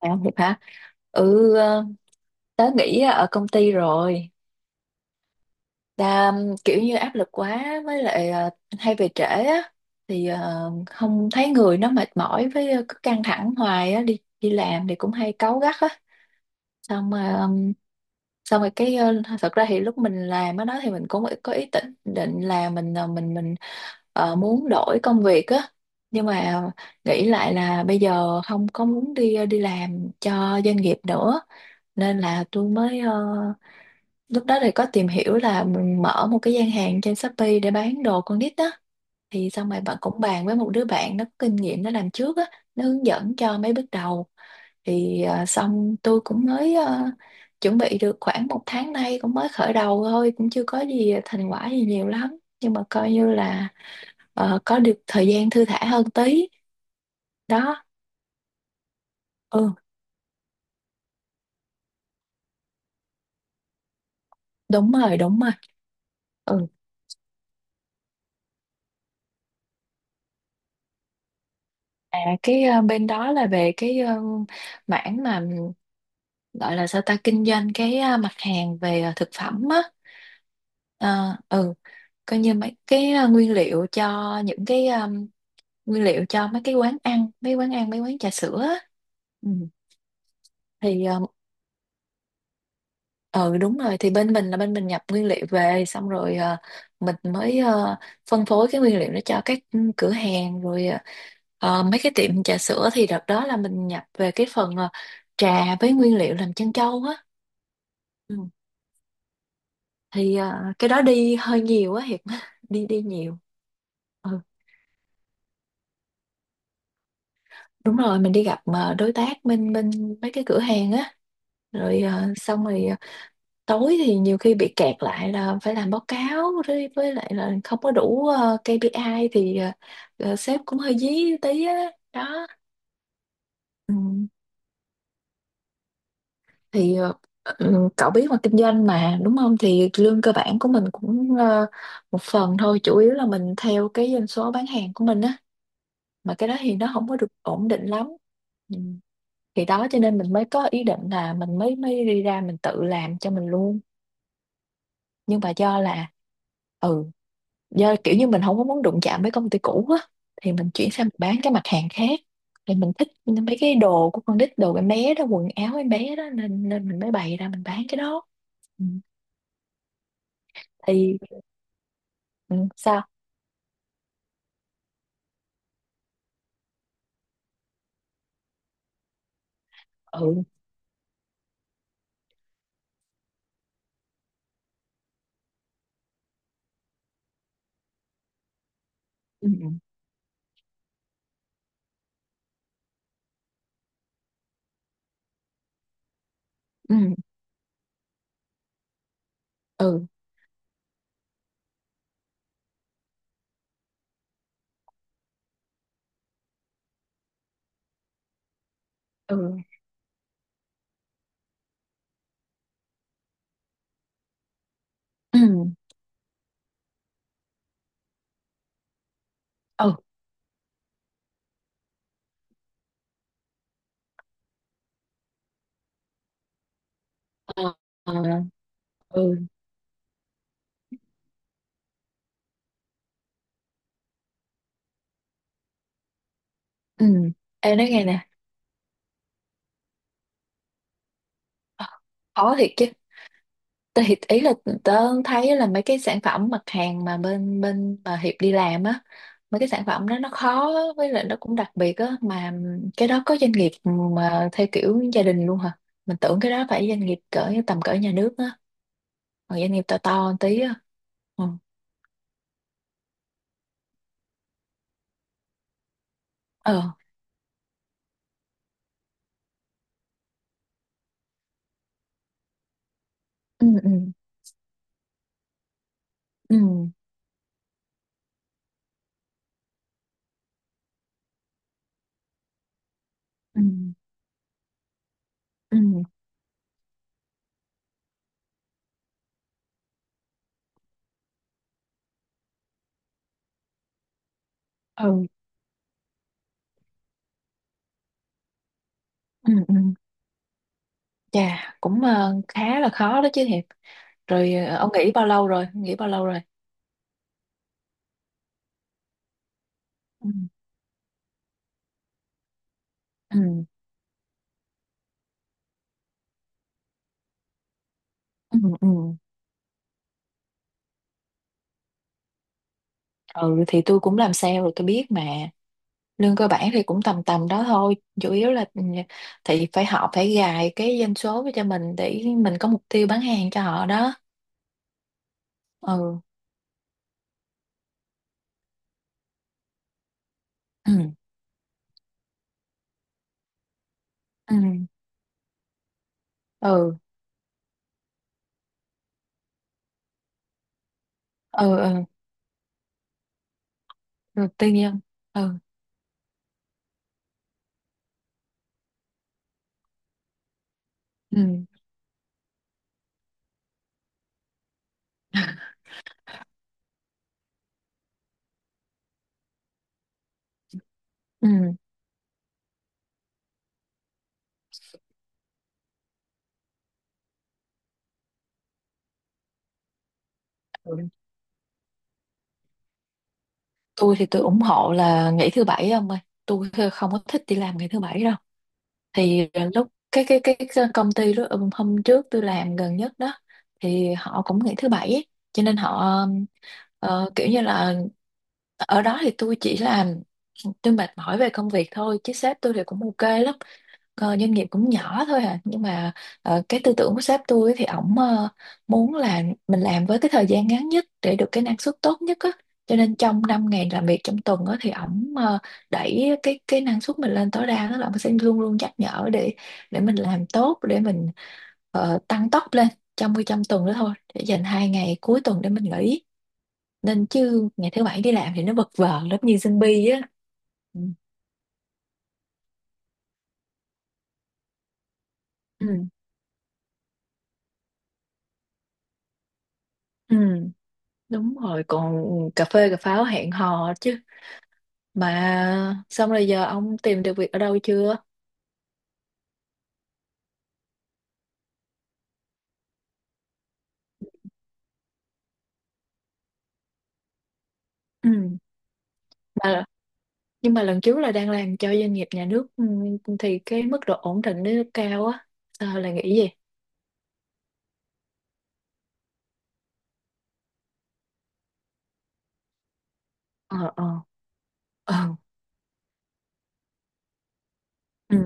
À, Hiệp hả? Ừ, tớ nghỉ ở công ty rồi. Ta kiểu như áp lực quá với lại, hay về trễ á, thì không thấy người nó mệt mỏi, với cứ căng thẳng hoài á, đi đi làm thì cũng hay cáu gắt á, xong rồi, um, xong rồi cái, thật ra thì lúc mình làm ở đó thì mình cũng có ý định định là mình, mình muốn đổi công việc á, nhưng mà nghĩ lại là bây giờ không có muốn đi đi làm cho doanh nghiệp nữa, nên là tôi mới, lúc đó thì có tìm hiểu là mình mở một cái gian hàng trên Shopee để bán đồ con nít á, thì xong rồi bạn cũng bàn với một đứa bạn nó có kinh nghiệm nó làm trước á, nó hướng dẫn cho mấy bước đầu, thì xong tôi cũng mới, chuẩn bị được khoảng một tháng nay, cũng mới khởi đầu thôi, cũng chưa có gì thành quả gì nhiều lắm, nhưng mà coi như là có được thời gian thư thả hơn tí. Đó. Ừ, đúng rồi, đúng rồi. Ừ, à, cái, bên đó là về cái, mảng mà gọi là sao ta, kinh doanh cái, mặt hàng về, thực phẩm á. À, ừ, coi như mấy cái, nguyên liệu cho những cái, nguyên liệu cho mấy cái quán ăn, mấy quán ăn, mấy quán trà sữa á. Ừ. Thì ờ ừ, đúng rồi, thì bên mình là bên mình nhập nguyên liệu về, xong rồi mình mới phân phối cái nguyên liệu đó cho các, ừ, cửa hàng, rồi mấy cái tiệm trà sữa, thì đợt đó là mình nhập về cái phần trà với nguyên liệu làm trân châu á. Ừ. Thì cái đó đi hơi nhiều á Hiệp, đi đi nhiều. Ừ. Đúng rồi, mình đi gặp mà, đối tác bên bên mấy cái cửa hàng á, rồi xong rồi tối thì nhiều khi bị kẹt lại là phải làm báo cáo, với lại là không có đủ KPI thì sếp cũng hơi dí tí á. Đó. Ừ. Thì ừ, cậu biết mà, kinh doanh mà đúng không, thì lương cơ bản của mình cũng một phần thôi, chủ yếu là mình theo cái doanh số bán hàng của mình á, mà cái đó thì nó không có được ổn định lắm. Ừ. Thì đó, cho nên mình mới có ý định là mình mới mới đi ra mình tự làm cho mình luôn, nhưng mà do là, ừ, do kiểu như mình không có muốn đụng chạm với công ty cũ á, thì mình chuyển sang mình bán cái mặt hàng khác, thì mình thích mấy cái đồ của con nít, đồ em bé đó, quần áo em bé đó, nên nên mình mới bày ra mình bán cái đó. Ừ. Thì ừ, sao? Ừ. Ừ. Ừ. Ừ. Ừ. Ừ. Ừ. Ờ. Ờ. Ừ. Ừ. Em nói nghe nè. Ờ, khó thiệt chứ, thì ý là tớ thấy là mấy cái sản phẩm mặt hàng mà bên bên mà Hiệp đi làm á, mấy cái sản phẩm đó nó khó với lại nó cũng đặc biệt á, mà cái đó có doanh nghiệp mà theo kiểu gia đình luôn hả? Mình tưởng cái đó phải doanh nghiệp cỡ, tầm cỡ nhà nước á, còn doanh nghiệp to to một tí á. Ừ. Ờ. Ừ. Ừ. Ừ. Ừ. Ừ. Ừ. Ừ. Ừ. Chà, cũng khá là khó đó chứ Hiệp. Rồi ông nghỉ bao lâu rồi, nghỉ bao lâu rồi? Ừ. Ừ. Ừ. Ừ. Ừ, thì tôi cũng làm sale rồi tôi biết mà, lương cơ bản thì cũng tầm tầm đó thôi, chủ yếu là ừ, thì phải, họ phải gài cái doanh số cho mình để mình có mục tiêu bán hàng cho họ đó. Ừ. Ừ. Ừ. Ừ. Ừ. Ừ. Rồi tư nhân. Ừ. Ừ. Ừ. Ừ. Tôi thì tôi ủng hộ là nghỉ thứ bảy ông ơi, tôi không có thích đi làm ngày thứ bảy đâu. Thì lúc cái công ty đó, ừ, hôm trước tôi làm gần nhất đó, thì họ cũng nghỉ thứ bảy ấy. Cho nên họ kiểu như là ở đó thì tôi chỉ làm, tôi mệt mỏi về công việc thôi chứ sếp tôi thì cũng ok lắm. Ờ, doanh nghiệp cũng nhỏ thôi à, nhưng mà cái tư tưởng của sếp tôi ấy, thì ổng muốn là mình làm với cái thời gian ngắn nhất để được cái năng suất tốt nhất á, cho nên trong 5 ngày làm việc trong tuần á, thì ổng đẩy cái năng suất mình lên tối đa, đó là ổng sẽ luôn luôn nhắc nhở để mình làm tốt, để mình tăng tốc lên trong cái, trong tuần đó thôi, để dành hai ngày cuối tuần để mình nghỉ, nên chứ ngày thứ bảy đi làm thì nó vật vờ lắm, như zombie á. Ừ. Ừ. Ừ. Đúng rồi, còn cà phê cà pháo hẹn hò chứ. Mà xong rồi giờ ông tìm được việc ở đâu chưa? Ừ. Mà, nhưng mà lần trước là đang làm cho doanh nghiệp nhà nước, ừ, thì cái mức độ ổn định nó cao á. Sao lại nghĩ gì? Ờ. Ờ. Ờ. Ừ.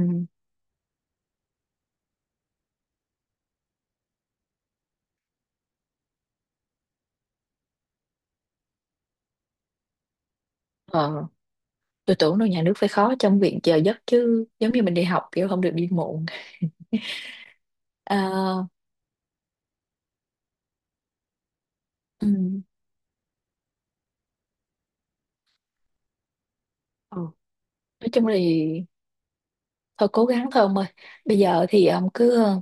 Ờ. Tôi tưởng đâu nhà nước phải khó trong việc giờ giấc chứ. Giống như mình đi học, kiểu không được đi muộn. À, ừ. Ừ. Nói chung là thôi cố gắng thôi ông ơi, bây giờ thì ông cứ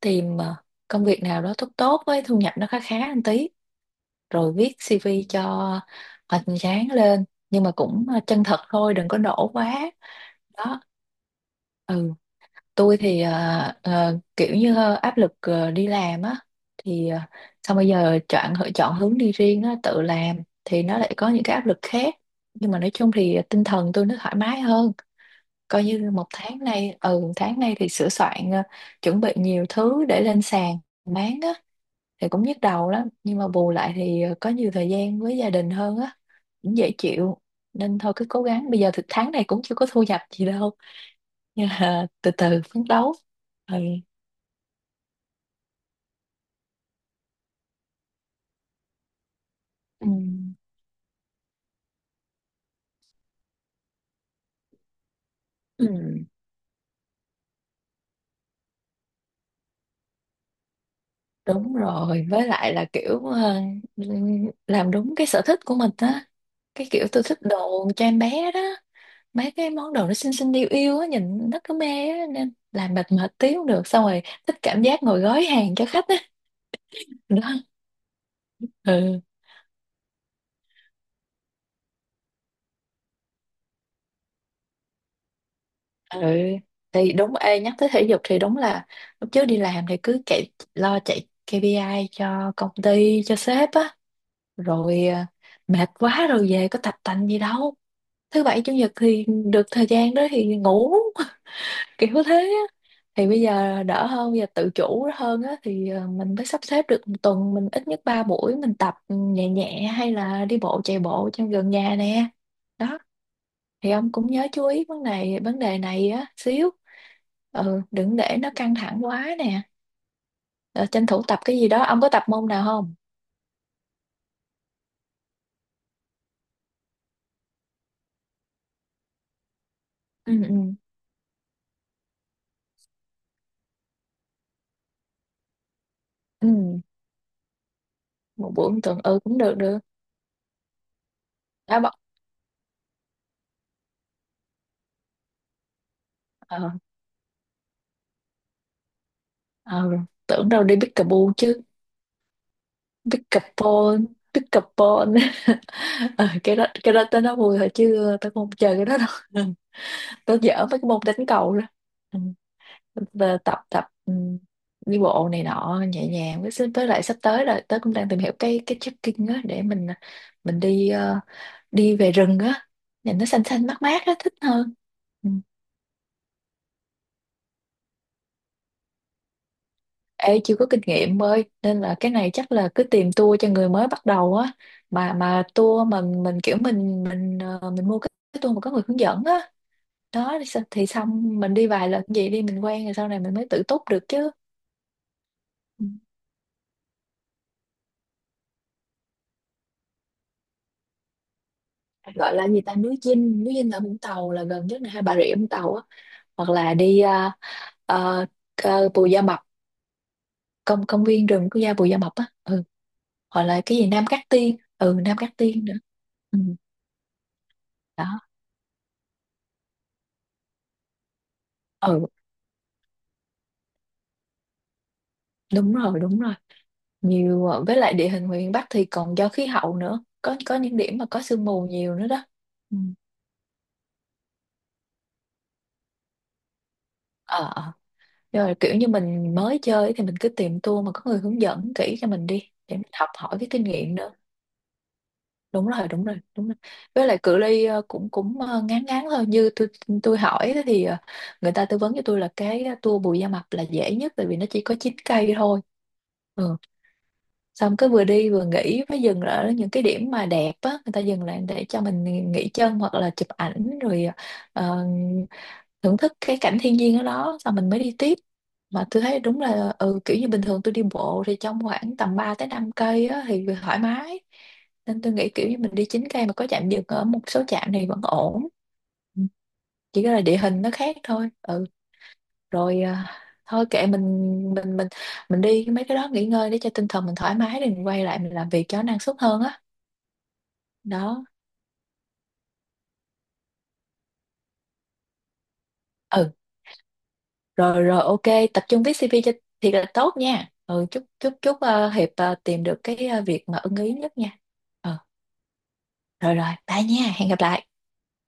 tìm công việc nào đó tốt tốt với thu nhập nó khá khá một tí, rồi viết CV cho hoành tráng lên, nhưng mà cũng chân thật thôi, đừng có nổ quá. Đó. Ừ, tôi thì kiểu như áp lực đi làm á, thì xong bây giờ chọn chọn hướng đi riêng á, tự làm, thì nó lại có những cái áp lực khác, nhưng mà nói chung thì tinh thần tôi nó thoải mái hơn, coi như một tháng nay, ừ, tháng nay thì sửa soạn, chuẩn bị nhiều thứ để lên sàn bán á, thì cũng nhức đầu lắm, nhưng mà bù lại thì có nhiều thời gian với gia đình hơn á, cũng dễ chịu, nên thôi cứ cố gắng, bây giờ thì tháng này cũng chưa có thu nhập gì đâu, nhưng mà từ từ phấn đấu. Ừ. Ừ. Ừ. Đúng rồi, với lại là kiểu làm đúng cái sở thích của mình á, cái kiểu tôi thích đồ cho em bé đó, mấy cái món đồ nó xinh xinh yêu yêu á, nhìn nó cứ mê á, nên làm mệt mệt tí cũng được, xong rồi thích cảm giác ngồi gói hàng cho khách á. Đó. Ừ. Ừ, thì đúng, ê nhắc tới thể dục thì đúng là lúc trước đi làm thì cứ chạy, lo chạy KPI cho công ty cho sếp á, rồi mệt quá rồi về có tập tành gì đâu, thứ bảy chủ nhật thì được thời gian đó thì ngủ, kiểu thế á, thì bây giờ đỡ hơn, bây giờ tự chủ hơn á, thì mình mới sắp xếp được một tuần mình ít nhất 3 buổi mình tập nhẹ nhẹ hay là đi bộ, chạy bộ trong gần nhà nè. Đó. Thì ông cũng nhớ chú ý vấn đề, vấn đề này á xíu, ừ, đừng để nó căng thẳng quá nè. Ờ, tranh thủ tập cái gì đó, ông có tập môn nào không? Ừ. Ừ. Ừ. Một buổi một tuần ừ, cũng được được. Đá bóng. Ờ. Ờ. Tưởng đâu đi pickleball chứ. Pickleball. Pickleball. Ờ, cái đó, cái đó tới nó vui thôi chứ tao không chơi cái đó đâu. Tao dở mấy cái môn đánh cầu đó. Ừ. Và tập tập, ừ, đi bộ này nọ nhẹ nhàng, với lại sắp tới rồi tớ cũng đang tìm hiểu cái trekking á, để mình đi đi về rừng á, nhìn nó xanh xanh mát mát á, thích hơn. Ừ. Ê, chưa có kinh nghiệm ơi nên là cái này chắc là cứ tìm tour cho người mới bắt đầu á, mà tour mà mình kiểu mình mình mua cái tour mà có người hướng dẫn á. Đó thì, sao- thì xong mình đi vài lần vậy đi, mình quen rồi sau này mình mới tự túc được chứ. Ừ. Gọi là gì ta, núi Dinh, núi Dinh ở Vũng Tàu là gần nhất này, hay Bà Rịa Vũng Tàu á, hoặc là đi Bù Gia Mập, công, công viên rừng quốc gia Bù Gia Mập á, ừ, hoặc là cái gì Nam Cát Tiên, ừ, Nam Cát Tiên nữa. Ừ. Đó. Ừ, đúng rồi, đúng rồi, nhiều với lại địa hình miền Bắc thì còn do khí hậu nữa, có những điểm mà có sương mù nhiều nữa đó. Ừ. Ờ. Ờ. Rồi kiểu như mình mới chơi ấy thì mình cứ tìm tour mà có người hướng dẫn kỹ cho mình đi để mình học hỏi cái kinh nghiệm nữa. Đúng rồi, đúng rồi, đúng rồi. Với lại cự ly cũng cũng ngắn ngắn thôi. Như tôi hỏi á thì người ta tư vấn cho tôi là cái tour Bù Gia Mập là dễ nhất tại vì nó chỉ có 9 cây thôi. Ừ. Xong cứ vừa đi vừa nghỉ với dừng ở những cái điểm mà đẹp á, người ta dừng lại để cho mình nghỉ chân hoặc là chụp ảnh, rồi ờ, thưởng thức cái cảnh thiên nhiên ở đó, xong mình mới đi tiếp. Mà tôi thấy đúng là ừ, kiểu như bình thường tôi đi bộ thì trong khoảng tầm 3 tới 5 cây á, thì thoải mái, nên tôi nghĩ kiểu như mình đi 9 cây mà có trạm dừng ở một số trạm thì vẫn ổn. Ừ, chỉ có là địa hình nó khác thôi. Ừ, rồi thôi kệ mình, mình mình mình đi mấy cái đó nghỉ ngơi để cho tinh thần mình thoải mái, rồi mình quay lại mình làm việc cho nó năng suất hơn á. Đó. Ừ. Rồi rồi, ok, tập trung viết CV cho thiệt là tốt nha. Ừ, chúc, chúc, chúc Hiệp tìm được cái việc mà ưng ý nhất nha. Ừ, rồi rồi, bye nha, hẹn gặp lại.